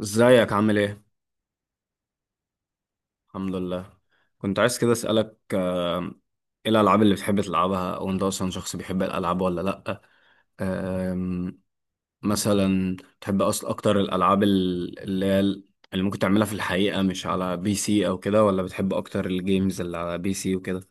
ازيك عامل ايه؟ الحمد لله. كنت عايز كده اسألك ايه الألعاب اللي بتحب تلعبها، او انت اصلا شخص بيحب الألعاب ولا لأ؟ آم، مثلا تحب اصلا اكتر الألعاب اللي ممكن تعملها في الحقيقة مش على بي سي او كده، ولا بتحب اكتر الجيمز اللي على بي سي وكده؟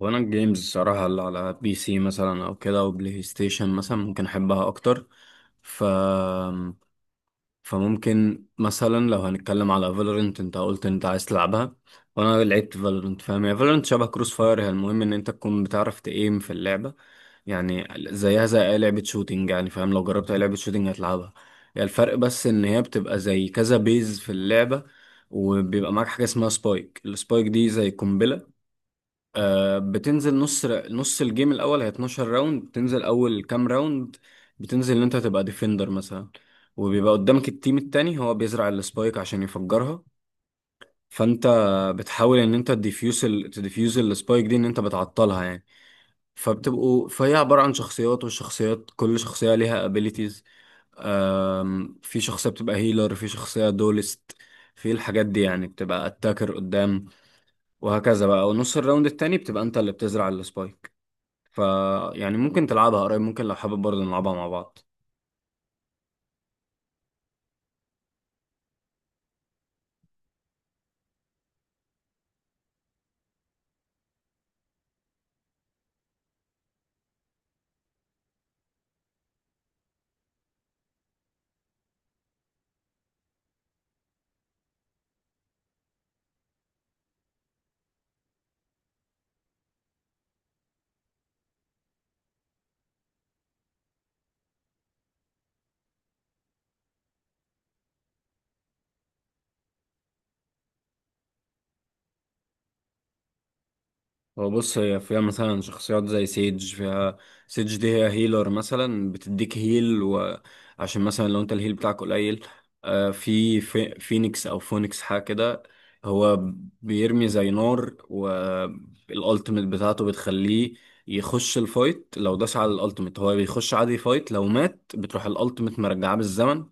وانا الجيمز الصراحة اللي على بي سي مثلا او كده او بلاي ستيشن مثلا ممكن احبها اكتر. ف فممكن مثلا لو هنتكلم على فالورنت، انت قلت انت عايز تلعبها وانا لعبت فالورنت، فاهم؟ هي فالورنت شبه كروس فاير، هي المهم ان انت تكون بتعرف تايم في اللعبه، يعني زيها زي اي لعبه شوتينج، يعني فاهم لو جربت اي لعبه شوتينج هتلعبها. يعني الفرق بس ان هي بتبقى زي كذا بيز في اللعبه، وبيبقى معاك حاجه اسمها سبايك. السبايك دي زي قنبله، بتنزل نص. نص الجيم الاول هي 12 راوند. بتنزل اول كام راوند بتنزل ان انت تبقى ديفندر مثلا، وبيبقى قدامك التيم التاني هو بيزرع السبايك عشان يفجرها. فانت بتحاول ان انت تديفيوز تديفيوز السبايك دي، ان انت بتعطلها يعني. فهي عبارة عن شخصيات، والشخصيات كل شخصية ليها abilities. في شخصية بتبقى هيلر، في شخصية دولست، في الحاجات دي يعني بتبقى اتاكر قدام، وهكذا بقى. ونص الراوند التاني بتبقى انت اللي بتزرع السبايك. ف يعني ممكن تلعبها قريب، ممكن لو حابب برضه نلعبها مع بعض. هو بص، هي فيها مثلا شخصيات زي سيج. فيها سيج دي هي هيلر مثلا، بتديك هيل وعشان مثلا لو انت الهيل بتاعك قليل. في فينيكس او فونيكس حاجه كده، هو بيرمي زي نار، والالتيميت بتاعته بتخليه يخش الفايت. لو داس على الالتيميت هو بيخش عادي فايت، لو مات بتروح الالتيميت مرجعاه بالزمن،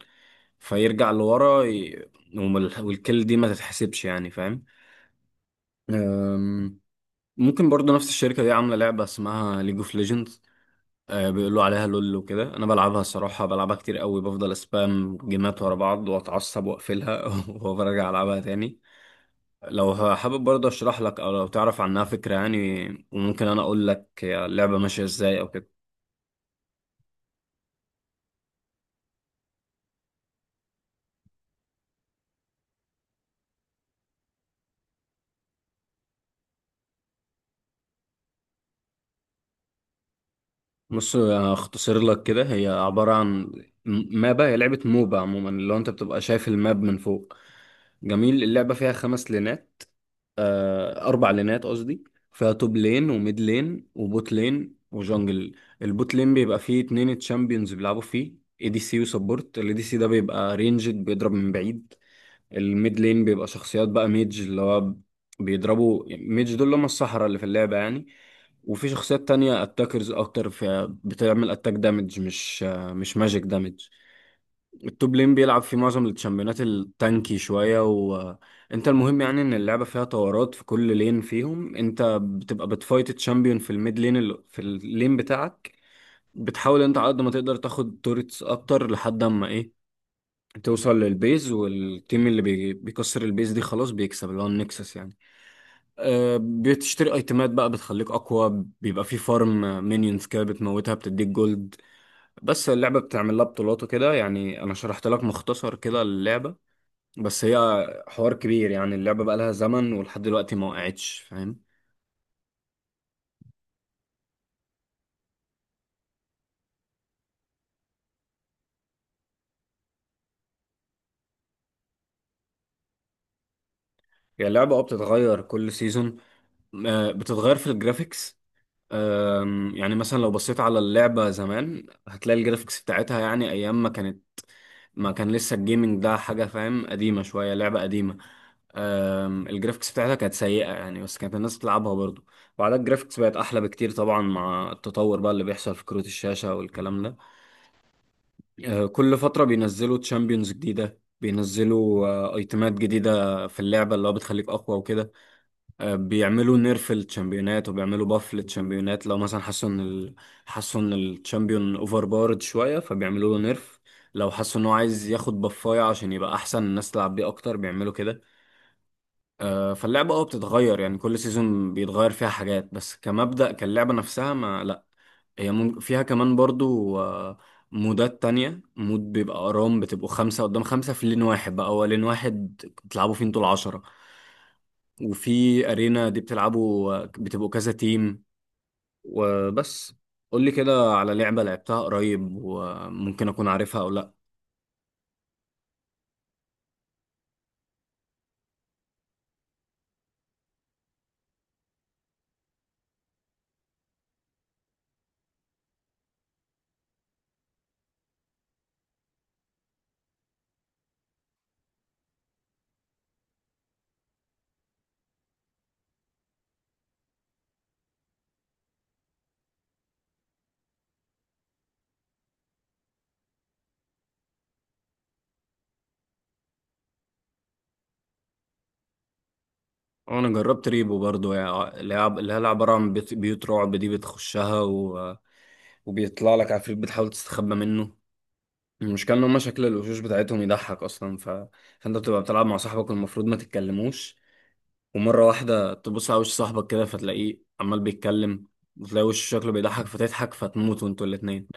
فيرجع لورا والكل دي ما تتحسبش يعني، فاهم؟ أم، ممكن برضو نفس الشركة دي عاملة لعبة اسمها ليج اوف ليجندز. بيقولوا عليها لول وكده. انا بلعبها الصراحة، بلعبها كتير قوي، بفضل اسبام جيمات ورا بعض واتعصب واقفلها وبرجع العبها تاني. لو حابب برضه اشرح لك، او لو تعرف عنها فكرة يعني، وممكن انا اقول لك اللعبة ماشية ازاي او كده. بص، هختصر لك كده. هي عبارة عن مابا، هي لعبة موبا عموما، اللي هو انت بتبقى شايف الماب من فوق. جميل، اللعبة فيها خمس لينات، أربع لينات قصدي. فيها توب لين وميد لين وبوت لين وجونجل. البوت لين بيبقى فيه اتنين تشامبيونز بيلعبوا فيه، اي دي سي وسبورت. الاي دي سي ده بيبقى رينجد، بيضرب من بعيد. الميد لين بيبقى شخصيات بقى ميج، اللي هو بيضربوا ميج، دول اللي هم الصحراء اللي في اللعبة يعني. وفي شخصيات تانية اتاكرز اكتر، في بتعمل اتاك دامج، مش ماجيك دامج. التوب لين بيلعب في معظم التشامبيونات التانكي شوية. وانت المهم يعني ان اللعبة فيها طورات. في كل لين فيهم انت بتبقى بتفايت تشامبيون في الميد لين، في اللين بتاعك، بتحاول انت على قد ما تقدر تاخد توريتس اكتر لحد اما ايه، توصل للبيز، والتيم اللي بيكسر البيز دي خلاص بيكسب، اللي هو النكسس يعني. بتشتري ايتمات بقى بتخليك اقوى، بيبقى في فارم مينيونز كده بتموتها بتديك جولد. بس اللعبه بتعمل لها بطولات وكده. يعني انا شرحت لك مختصر كده اللعبه، بس هي حوار كبير يعني. اللعبه بقى لها زمن ولحد دلوقتي ما وقعتش، فاهم؟ هي اللعبه اه بتتغير كل سيزون. بتتغير في الجرافيكس. يعني مثلا لو بصيت على اللعبه زمان هتلاقي الجرافيكس بتاعتها يعني ايام ما كانت، ما كان لسه الجيمنج ده حاجه، فاهم؟ قديمه شويه، لعبه قديمه. الجرافيكس بتاعتها كانت سيئة يعني، بس كانت الناس بتلعبها برضو. وبعدها الجرافيكس بقت أحلى بكتير طبعا، مع التطور بقى اللي بيحصل في كروت الشاشة والكلام ده. كل فترة بينزلوا تشامبيونز جديدة، بينزلوا ايتمات جديدة في اللعبة اللي هو بتخليك أقوى وكده. بيعملوا نيرف للتشامبيونات وبيعملوا باف للتشامبيونات، لو مثلا حسوا إن حسوا إن التشامبيون أوفر بارد شوية فبيعملوا له نيرف. لو حسوا إن هو عايز ياخد بفاية عشان يبقى أحسن، الناس تلعب بيه أكتر، بيعملوا كده. فاللعبة اه بتتغير يعني، كل سيزون بيتغير فيها حاجات، بس كمبدأ كاللعبة نفسها ما لا. هي فيها كمان برضو مودات تانية. مود بيبقى أرام، بتبقوا خمسة قدام خمسة في لين واحد بقى، هو لين واحد بتلعبوا فيه انتوا العشرة. وفي أرينا دي بتلعبوا بتبقوا كذا تيم. وبس، قولي كده على لعبة لعبتها قريب وممكن أكون عارفها أو لأ. أنا جربت ريبو برضو، يعني لعب اللي هي لعبة عن بيوت، بيوت رعب دي بتخشها وبيطلع لك عفريت، بتحاول تستخبى منه. المشكلة ان هما شكل الوشوش بتاعتهم يضحك اصلا. فانت بتبقى بتلعب مع صاحبك والمفروض ما تتكلموش، ومرة واحدة تبص على وش صاحبك كده فتلاقيه عمال بيتكلم، وتلاقي وش شكله بيضحك فتضحك، فتموت وانتوا الاتنين.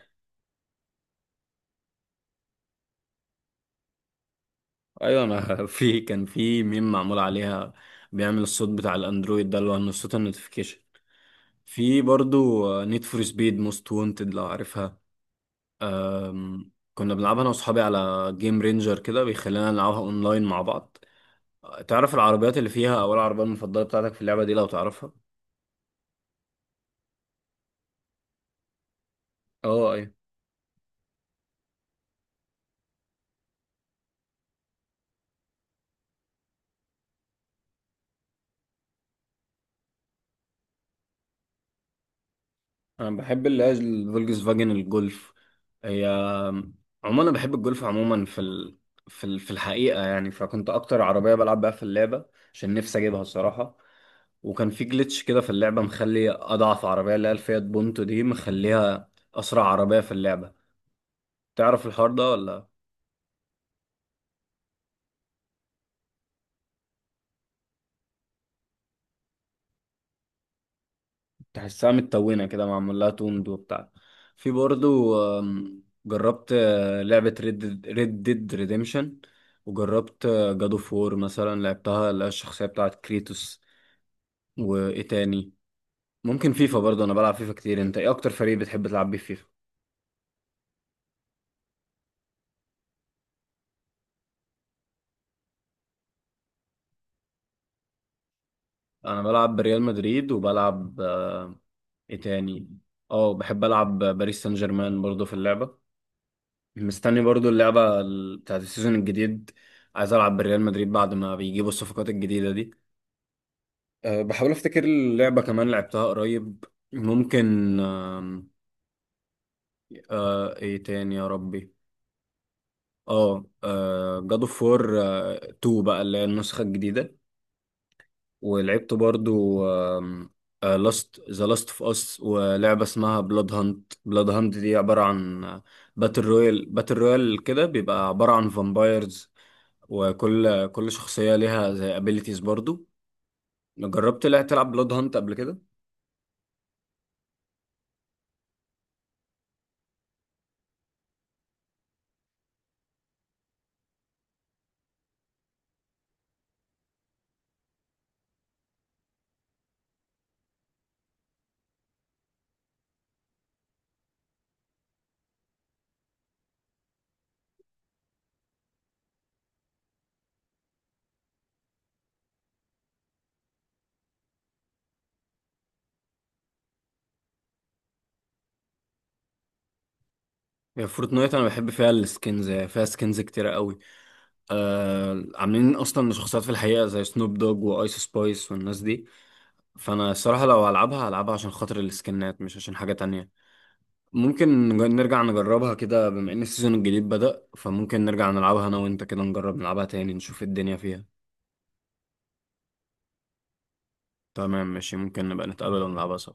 ايوه، انا في كان في ميم معمول عليها، بيعمل الصوت بتاع الاندرويد ده اللي هو إنه صوت النوتيفيكيشن. في برضو نيد فور سبيد موست وونتد، لو عارفها. كنا بنلعبها انا واصحابي على جيم رينجر كده، بيخلينا نلعبها اونلاين مع بعض. تعرف العربيات اللي فيها، او العربية المفضلة بتاعتك في اللعبة دي لو تعرفها؟ اه ايوه. انا بحب اللي هي الفولكس فاجن الجولف. هي عموما انا بحب الجولف عموما في في الحقيقة يعني، فكنت اكتر عربية بلعب بيها في اللعبة، عشان نفسي اجيبها الصراحة. وكان في جليتش كده في اللعبة مخلي اضعف عربية، اللي هي الفيات بونتو دي، مخليها اسرع عربية في اللعبة. تعرف الحوار ده ولا؟ تحسها متلونة كده، معمول لها توند وبتاع. في برضو جربت لعبة ريد ديد ريديمشن. وجربت جاد اوف وور مثلا، لعبتها اللي هي الشخصية بتاعت كريتوس. وايه تاني؟ ممكن فيفا برضو، انا بلعب فيفا كتير. انت ايه اكتر فريق بتحب تلعب بيه فيفا؟ انا بلعب بريال مدريد، وبلعب ايه تاني، اه بحب العب باريس سان جيرمان برضو في اللعبة. مستني برضو اللعبة بتاعت السيزون الجديد، عايز العب بريال مدريد بعد ما بيجيبوا الصفقات الجديدة دي. أه بحاول افتكر اللعبة كمان لعبتها قريب، ممكن أه ايه تاني يا ربي. اه، جاد اوف وور 2 بقى، اللي هي النسخة الجديدة. ولعبت برضو لاست ذا لاست اوف اس، ولعبة اسمها بلاد هانت. بلاد هانت دي عبارة عن باتل رويال. باتل رويال كده بيبقى عبارة عن فامبايرز، وكل شخصية ليها زي ابيليتيز برضو. جربت لا تلعب بلاد هانت قبل كده؟ هي فورتنايت انا بحب فيها السكنز، يعني فيها سكنز كتيرة قوي. آه، عاملين اصلا شخصيات في الحقيقة زي سنوب دوج وايس سبايس والناس دي. فانا الصراحة لو هلعبها هلعبها عشان خاطر السكنات، مش عشان حاجة تانية. ممكن نرجع نجربها كده، بما ان السيزون الجديد بدأ، فممكن نرجع نلعبها انا وانت كده، نجرب نلعبها تاني نشوف الدنيا فيها. تمام ماشي، ممكن نبقى نتقابل ونلعبها سوا.